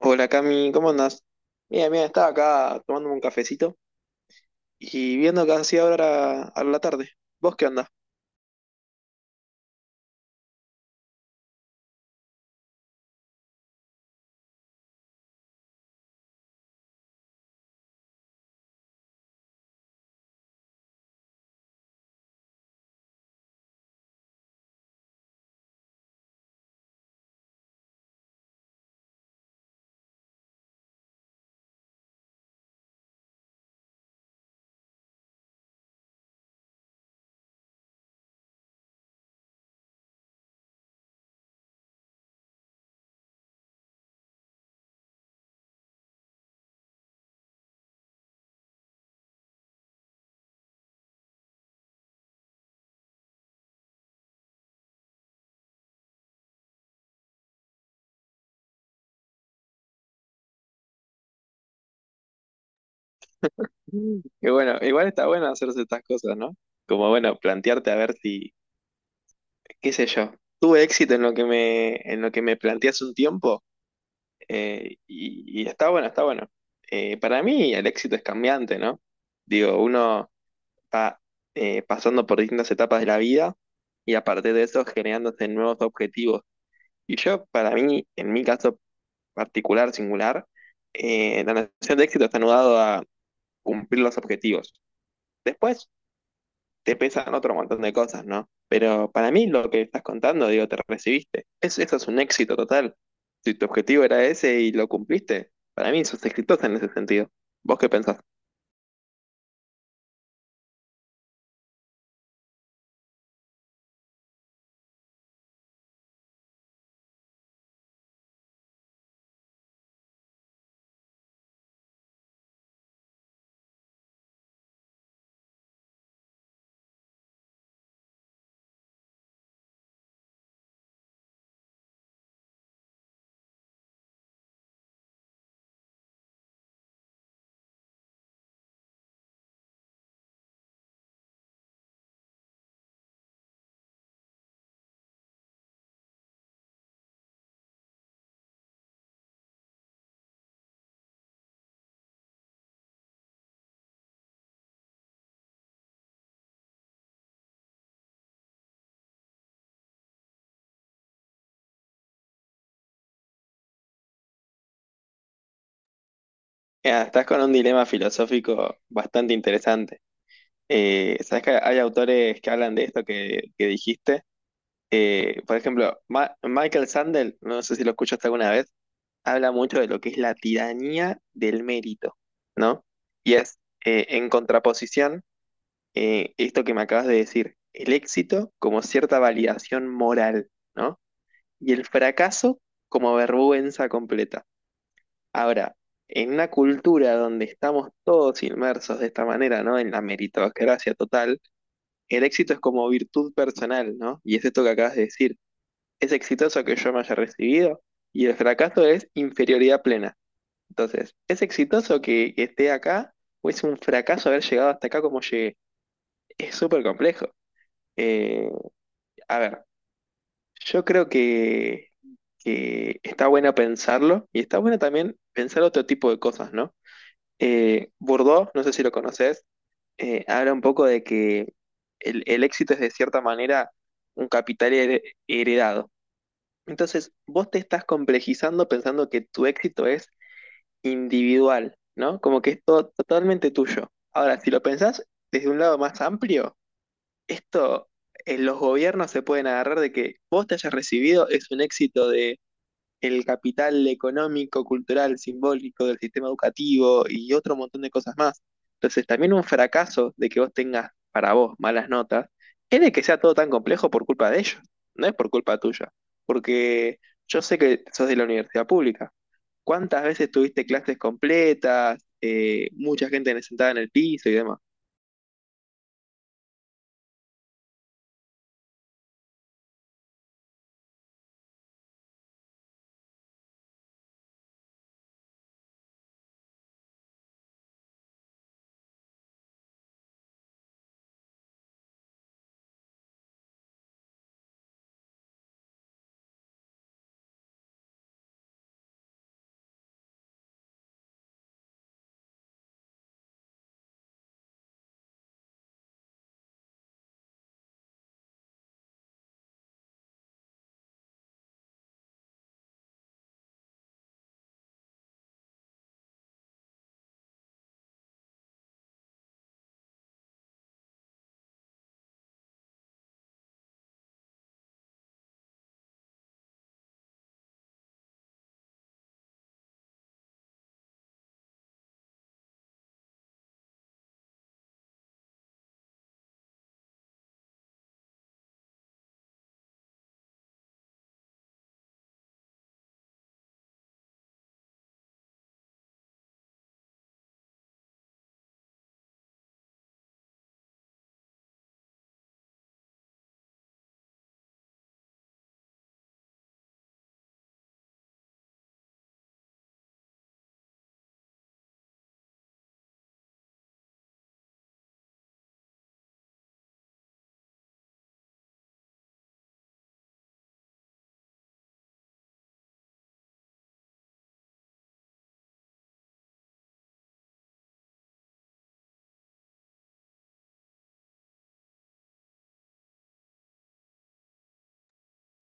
Hola Cami, ¿cómo andás? Mira, mira, estaba acá tomándome un cafecito y viendo que hacía ahora a la tarde. ¿Vos qué andás? Mm. Y bueno, igual está bueno hacerse estas cosas, ¿no? Como bueno, plantearte a ver si, qué sé yo, tuve éxito en lo que me, en lo que me planteé hace un tiempo y está bueno, está bueno. Para mí el éxito es cambiante, ¿no? Digo, uno va pasando por distintas etapas de la vida y a partir de eso generándose nuevos objetivos. Y yo, para mí, en mi caso, particular, singular, la noción de éxito está anudado a cumplir los objetivos. Después te pesan otro montón de cosas, ¿no? Pero para mí lo que estás contando, digo, te recibiste. Es, eso es un éxito total. Si tu objetivo era ese y lo cumpliste, para mí sos exitosa en ese sentido. ¿Vos qué pensás? Mira, estás con un dilema filosófico bastante interesante. Sabes que hay autores que hablan de esto que dijiste. Por ejemplo, Michael Sandel, no sé si lo escuchaste alguna vez, habla mucho de lo que es la tiranía del mérito, ¿no? Y es, en contraposición, esto que me acabas de decir, el éxito como cierta validación moral, ¿no? Y el fracaso como vergüenza completa. Ahora, en una cultura donde estamos todos inmersos de esta manera, ¿no? En la meritocracia total, el éxito es como virtud personal, ¿no? Y es esto que acabas de decir. Es exitoso que yo me haya recibido y el fracaso es inferioridad plena. Entonces, ¿es exitoso que esté acá o es un fracaso haber llegado hasta acá como llegué? Es súper complejo. Eh, a ver, yo creo que está bueno pensarlo y está bueno también pensar otro tipo de cosas, ¿no? Bourdieu, no sé si lo conoces, habla un poco de que el éxito es de cierta manera un capital heredado. Entonces, vos te estás complejizando pensando que tu éxito es individual, ¿no? Como que es todo totalmente tuyo. Ahora, si lo pensás desde un lado más amplio, esto los gobiernos se pueden agarrar de que vos te hayas recibido es un éxito de el capital económico, cultural, simbólico del sistema educativo y otro montón de cosas más. Entonces, también un fracaso de que vos tengas para vos malas notas es de que sea todo tan complejo por culpa de ellos, no es por culpa tuya, porque yo sé que sos de la universidad pública. ¿Cuántas veces tuviste clases completas? Mucha gente sentada en el piso y demás.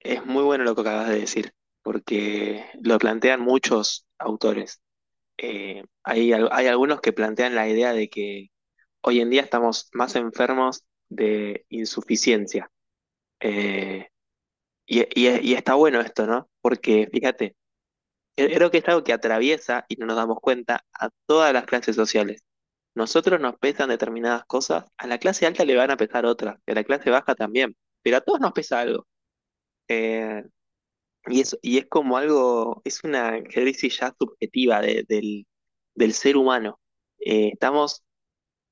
Es muy bueno lo que acabas de decir, porque lo plantean muchos autores. Hay, hay algunos que plantean la idea de que hoy en día estamos más enfermos de insuficiencia. Eh, y, y está bueno esto, ¿no? Porque fíjate, creo que es algo que atraviesa, y no nos damos cuenta, a todas las clases sociales. Nosotros nos pesan determinadas cosas, a la clase alta le van a pesar otras, y a la clase baja también, pero a todos nos pesa algo. Eh, y es como algo, es una crisis ya subjetiva del, del ser humano. Estamos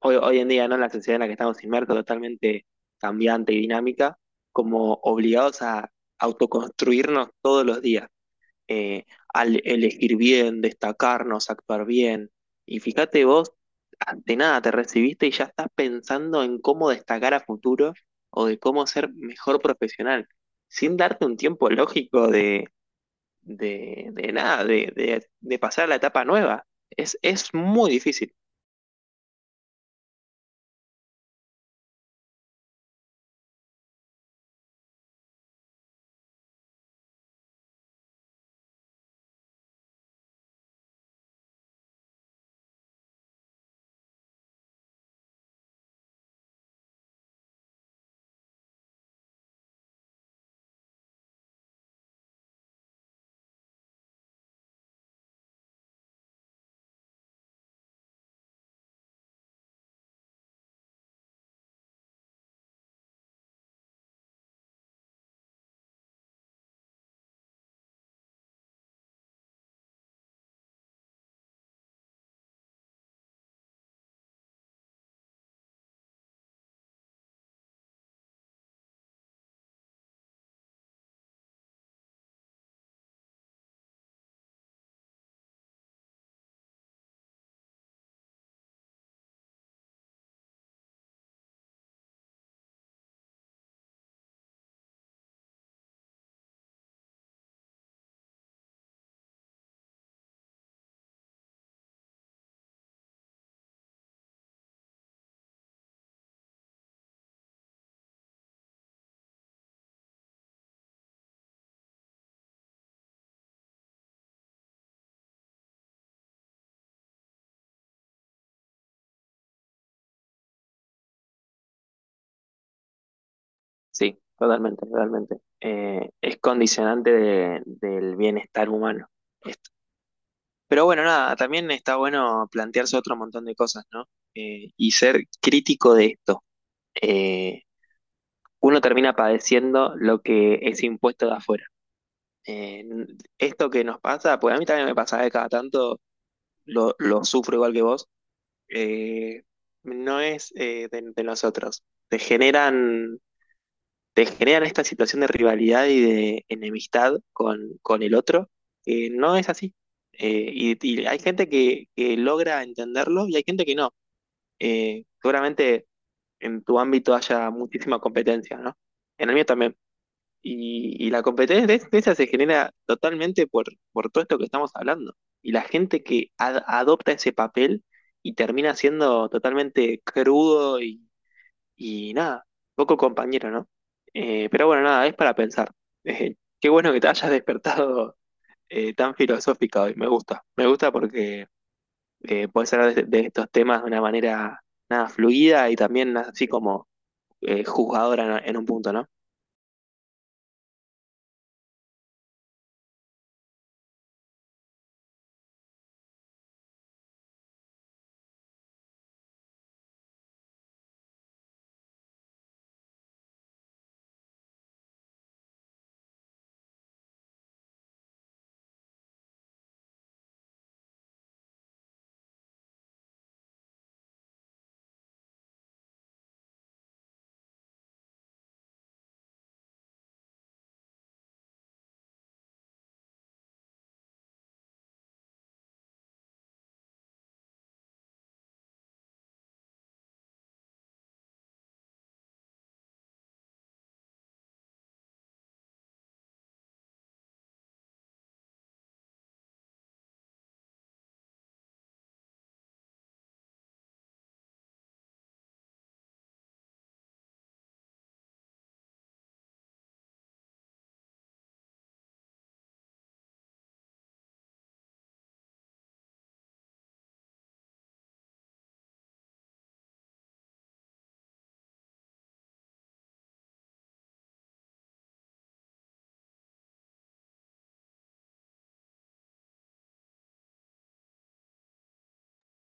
hoy, hoy en día, ¿no? En la sociedad en la que estamos inmersos, totalmente cambiante y dinámica, como obligados a autoconstruirnos todos los días eh, al elegir bien, destacarnos, actuar bien. Y fíjate vos, ante nada te recibiste y ya estás pensando en cómo destacar a futuro o de cómo ser mejor profesional, sin darte un tiempo lógico de nada, de pasar a la etapa nueva. Es muy difícil. Sí, totalmente, totalmente. Es condicionante del bienestar humano. Pero bueno, nada, también está bueno plantearse otro montón de cosas, ¿no? Y ser crítico de esto. Eh, uno termina padeciendo lo que es impuesto de afuera. Eh, esto que nos pasa, pues a mí también me pasa de cada tanto, lo sufro igual que vos, eh, no es de nosotros. Te generan te generan esta situación de rivalidad y de enemistad con el otro, que no es así. Y hay gente que logra entenderlo y hay gente que no. Seguramente en tu ámbito haya muchísima competencia, ¿no? En el mío también. Y la competencia de esa se genera totalmente por todo esto que estamos hablando. Y la gente que adopta ese papel y termina siendo totalmente crudo y nada, poco compañero, ¿no? Pero bueno, nada, es para pensar. Qué bueno que te hayas despertado tan filosófica hoy. Me gusta. Me gusta porque puedes hablar de estos temas de una manera nada fluida y también así como juzgadora en un punto, ¿no?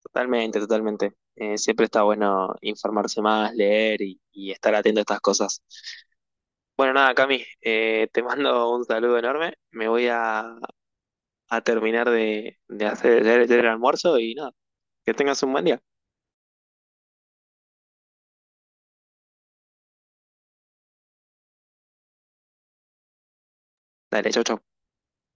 Totalmente, totalmente. Siempre está bueno informarse más, leer y estar atento a estas cosas. Bueno, nada, Cami, te mando un saludo enorme. Me voy a terminar de hacer el almuerzo y nada. Que tengas un buen día. Dale, chau, chau.